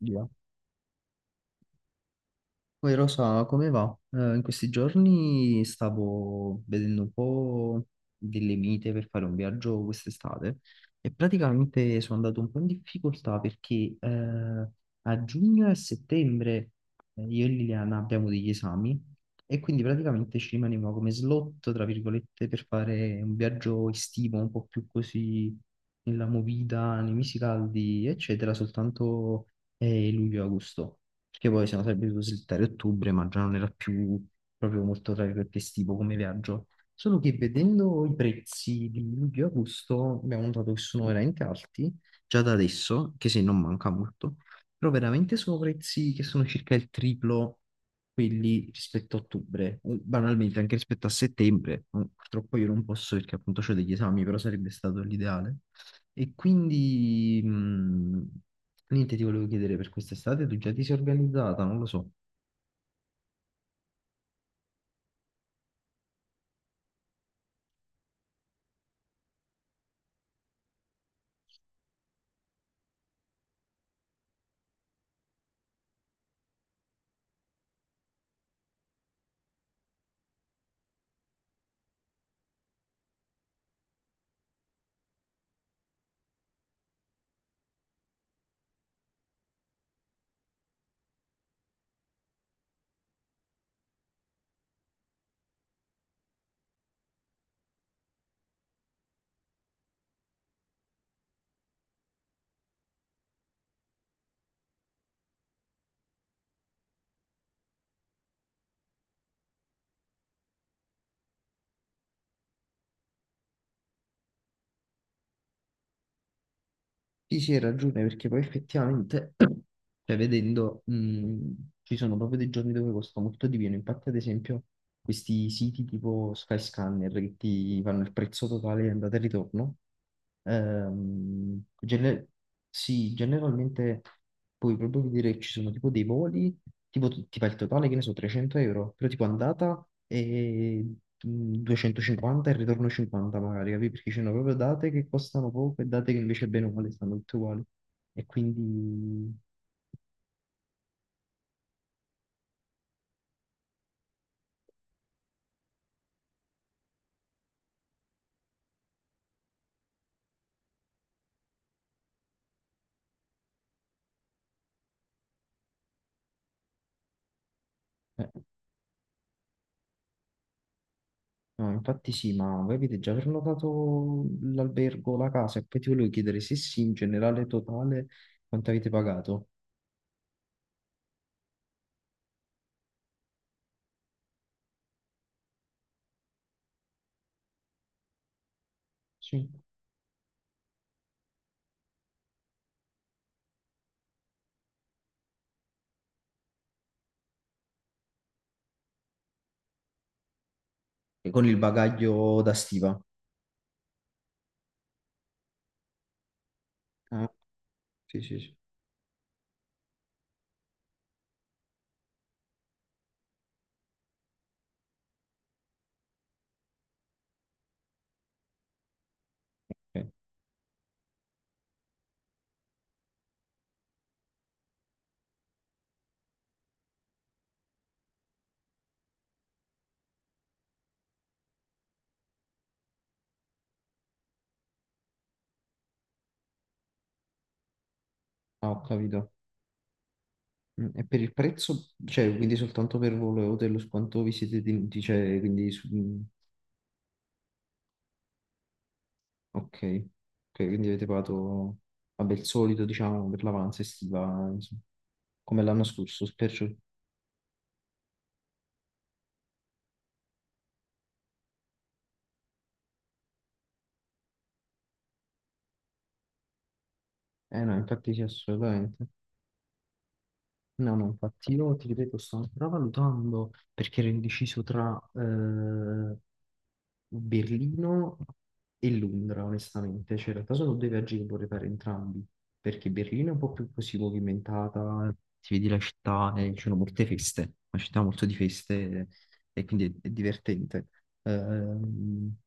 Via. Poi Rosa, come va? In questi giorni stavo vedendo un po' delle mite per fare un viaggio quest'estate e praticamente sono andato un po' in difficoltà perché a giugno e a settembre io e Liliana abbiamo degli esami e quindi praticamente ci rimaneva come slot, tra virgolette, per fare un viaggio estivo un po' più così nella movida, nei mesi caldi, eccetera, soltanto luglio-agosto. Perché poi siamo sarebbe dovuto slittare ottobre, ma già non era più proprio molto, tra virgolette, estivo come viaggio. Solo che vedendo i prezzi di luglio e agosto abbiamo notato che sono veramente alti, già da adesso, che se non manca molto, però veramente sono prezzi che sono circa il triplo quelli rispetto a ottobre, o banalmente anche rispetto a settembre. Purtroppo io non posso perché appunto ho degli esami, però sarebbe stato l'ideale. E quindi... Niente, ti volevo chiedere per quest'estate, tu già ti sei organizzata? Non lo so. Ti si ragione perché poi effettivamente, cioè vedendo, ci sono proprio dei giorni dove costa molto di meno. Infatti, ad esempio, questi siti tipo Skyscanner che ti fanno il prezzo totale di andata e ritorno, ehm, gene- sì, generalmente, puoi proprio vedere che ci sono tipo dei voli, ti fa il totale, che ne so, 300 euro, però tipo andata e 250 e ritorno 50 magari, capi? Perché ci sono proprio date che costano poco e date che invece bene o male stanno tutte uguali. E quindi... eh, no, infatti sì, ma voi avete già prenotato l'albergo, la casa, e poi ti volevo chiedere se sì, in generale totale, quanto avete pagato? Sì. E con il bagaglio da stiva? Ah, sì, sì, sì. Ok. Ah, ho capito. E per il prezzo, cioè, quindi soltanto per volo e hotel, quanto vi siete tenuti? Ok, ok, quindi avete pagato, vabbè, il solito, diciamo, per l'avanza estiva, insomma, come l'anno scorso, perciò. Eh no, infatti sì, assolutamente. No, no, infatti io ti ripeto, sto ancora valutando perché ero indeciso tra Berlino e Londra, onestamente. Cioè, in realtà sono due viaggi che vorrei fare entrambi, perché Berlino è un po' più così movimentata, ti vedi la città e ci sono molte feste, una città molto di feste e quindi è divertente. Ehm,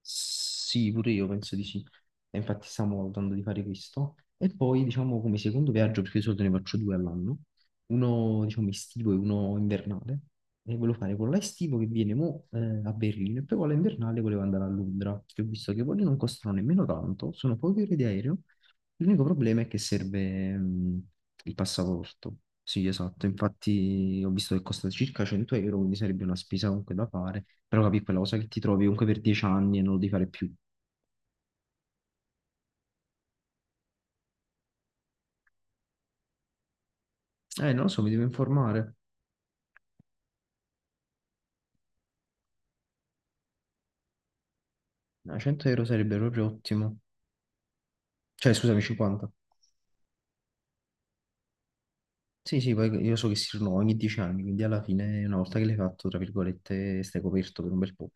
sì, pure io penso di sì. E infatti stiamo valutando di fare questo. E poi, diciamo, come secondo viaggio, perché di solito ne faccio due all'anno, uno, diciamo, estivo e uno invernale. E volevo fare quello estivo che viene mo, a Berlino e poi quello invernale volevo andare a Londra, che ho visto che quelli non costano nemmeno tanto, sono poche ore di aereo. L'unico problema è che serve il passaporto. Sì, esatto, infatti ho visto che costa circa 100 euro, quindi sarebbe una spesa comunque da fare. Però capi quella cosa che ti trovi comunque per 10 anni e non lo devi fare più. Non lo so, mi devo informare. No, 100 euro sarebbe proprio ottimo. Cioè, scusami, 50. Sì, sì, poi io so che si rinnovano ogni 10 anni, quindi alla fine, una volta che l'hai fatto, tra virgolette, stai coperto per un bel po'.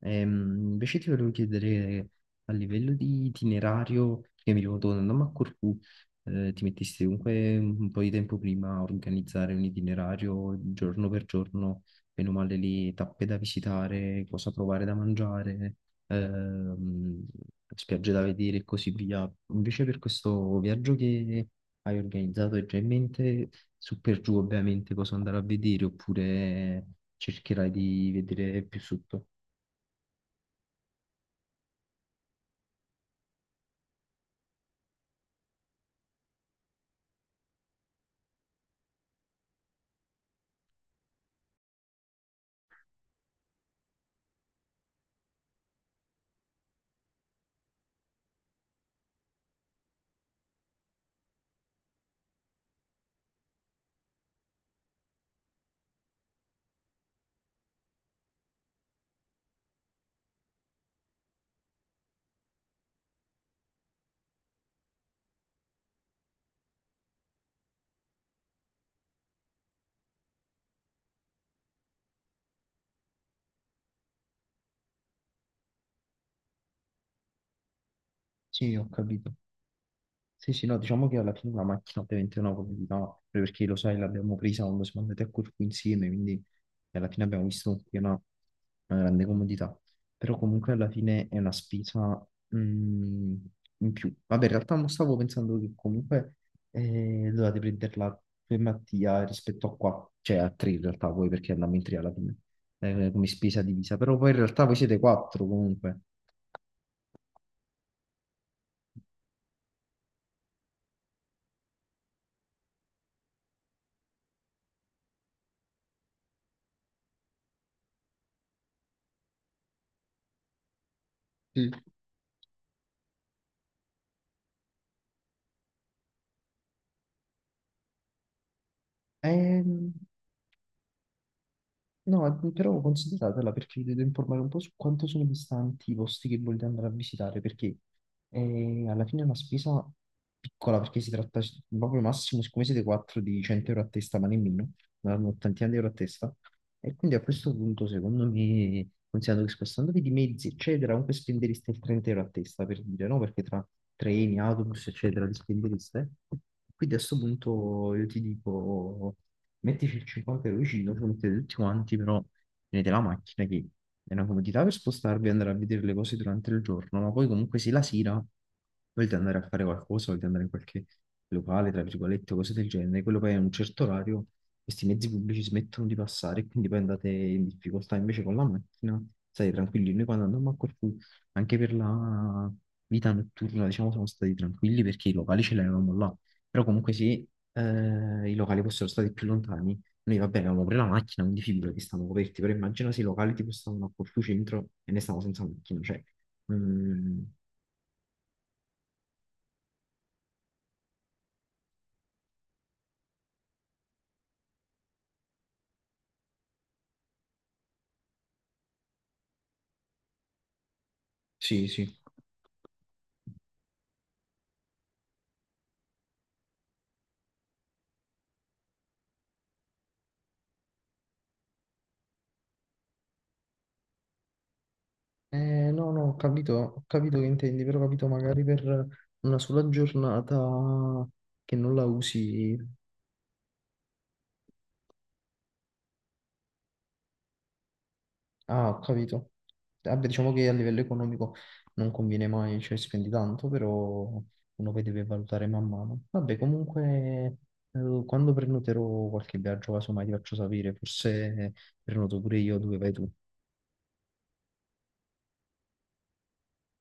Invece ti volevo chiedere a livello di itinerario, perché mi ricordo quando andammo a Corfù, ti mettesti comunque un po' di tempo prima a organizzare un itinerario giorno per giorno, bene o male le tappe da visitare, cosa provare da mangiare, ehm, spiagge da vedere e così via. Invece per questo viaggio che hai organizzato hai già in mente su per giù ovviamente cosa andare a vedere oppure cercherai di vedere più sotto? Sì, ho capito. Sì, sì, no, diciamo che alla fine la macchina ovviamente è una comodità, proprio perché lo sai, l'abbiamo presa quando siamo andati a Corfu insieme, quindi alla fine abbiamo visto che è una grande comodità. Però comunque alla fine è una spesa mm, in più. Vabbè, in realtà non stavo pensando che comunque dovete prenderla per Mattia rispetto a qua, cioè a tre in realtà voi perché andiamo in tre alla fine, come spesa divisa, però poi in realtà voi siete quattro comunque. Sì. Ehm, no, però consideratela perché vi devo informare un po' su quanto sono distanti i posti che volete andare a visitare, perché alla fine è una spesa piccola, perché si tratta proprio massimo, siccome siete 4 di 100 euro a testa, ma nemmeno, una un'ottantina di euro a testa, e quindi a questo punto secondo me, considerando che spostandovi di mezzi, eccetera, comunque spendereste il 30 euro a testa, per dire, no? Perché tra treni, autobus, eccetera, li spendereste. Quindi a questo punto io ti dico mettici il 50 euro vicino, ci mettete tutti quanti, però tenete la macchina che è una comodità per spostarvi e andare a vedere le cose durante il giorno, ma poi comunque se la sera volete andare a fare qualcosa, volete andare in qualche locale, tra virgolette, cose del genere, quello poi a un certo orario questi mezzi pubblici smettono di passare e quindi poi andate in difficoltà invece con la macchina, state tranquilli. Noi quando andammo a Corfù, anche per la vita notturna, diciamo, siamo stati tranquilli perché i locali ce l'avevamo là. Però comunque se i locali fossero stati più lontani. Noi, va bene, avevamo pure la macchina, quindi figurati, stavamo coperti, però immagina se i locali tipo stavano a Corfu Centro e ne stavamo senza macchina, cioè... mm, sì, sì. No, no, ho capito che intendi, però ho capito magari per una sola giornata che non la usi, ah, ho capito. Vabbè, diciamo che a livello economico non conviene mai, cioè spendi tanto, però uno poi deve valutare man mano. Vabbè, comunque, quando prenoterò qualche viaggio, casomai ti faccio sapere, forse prenoto pure io dove vai tu.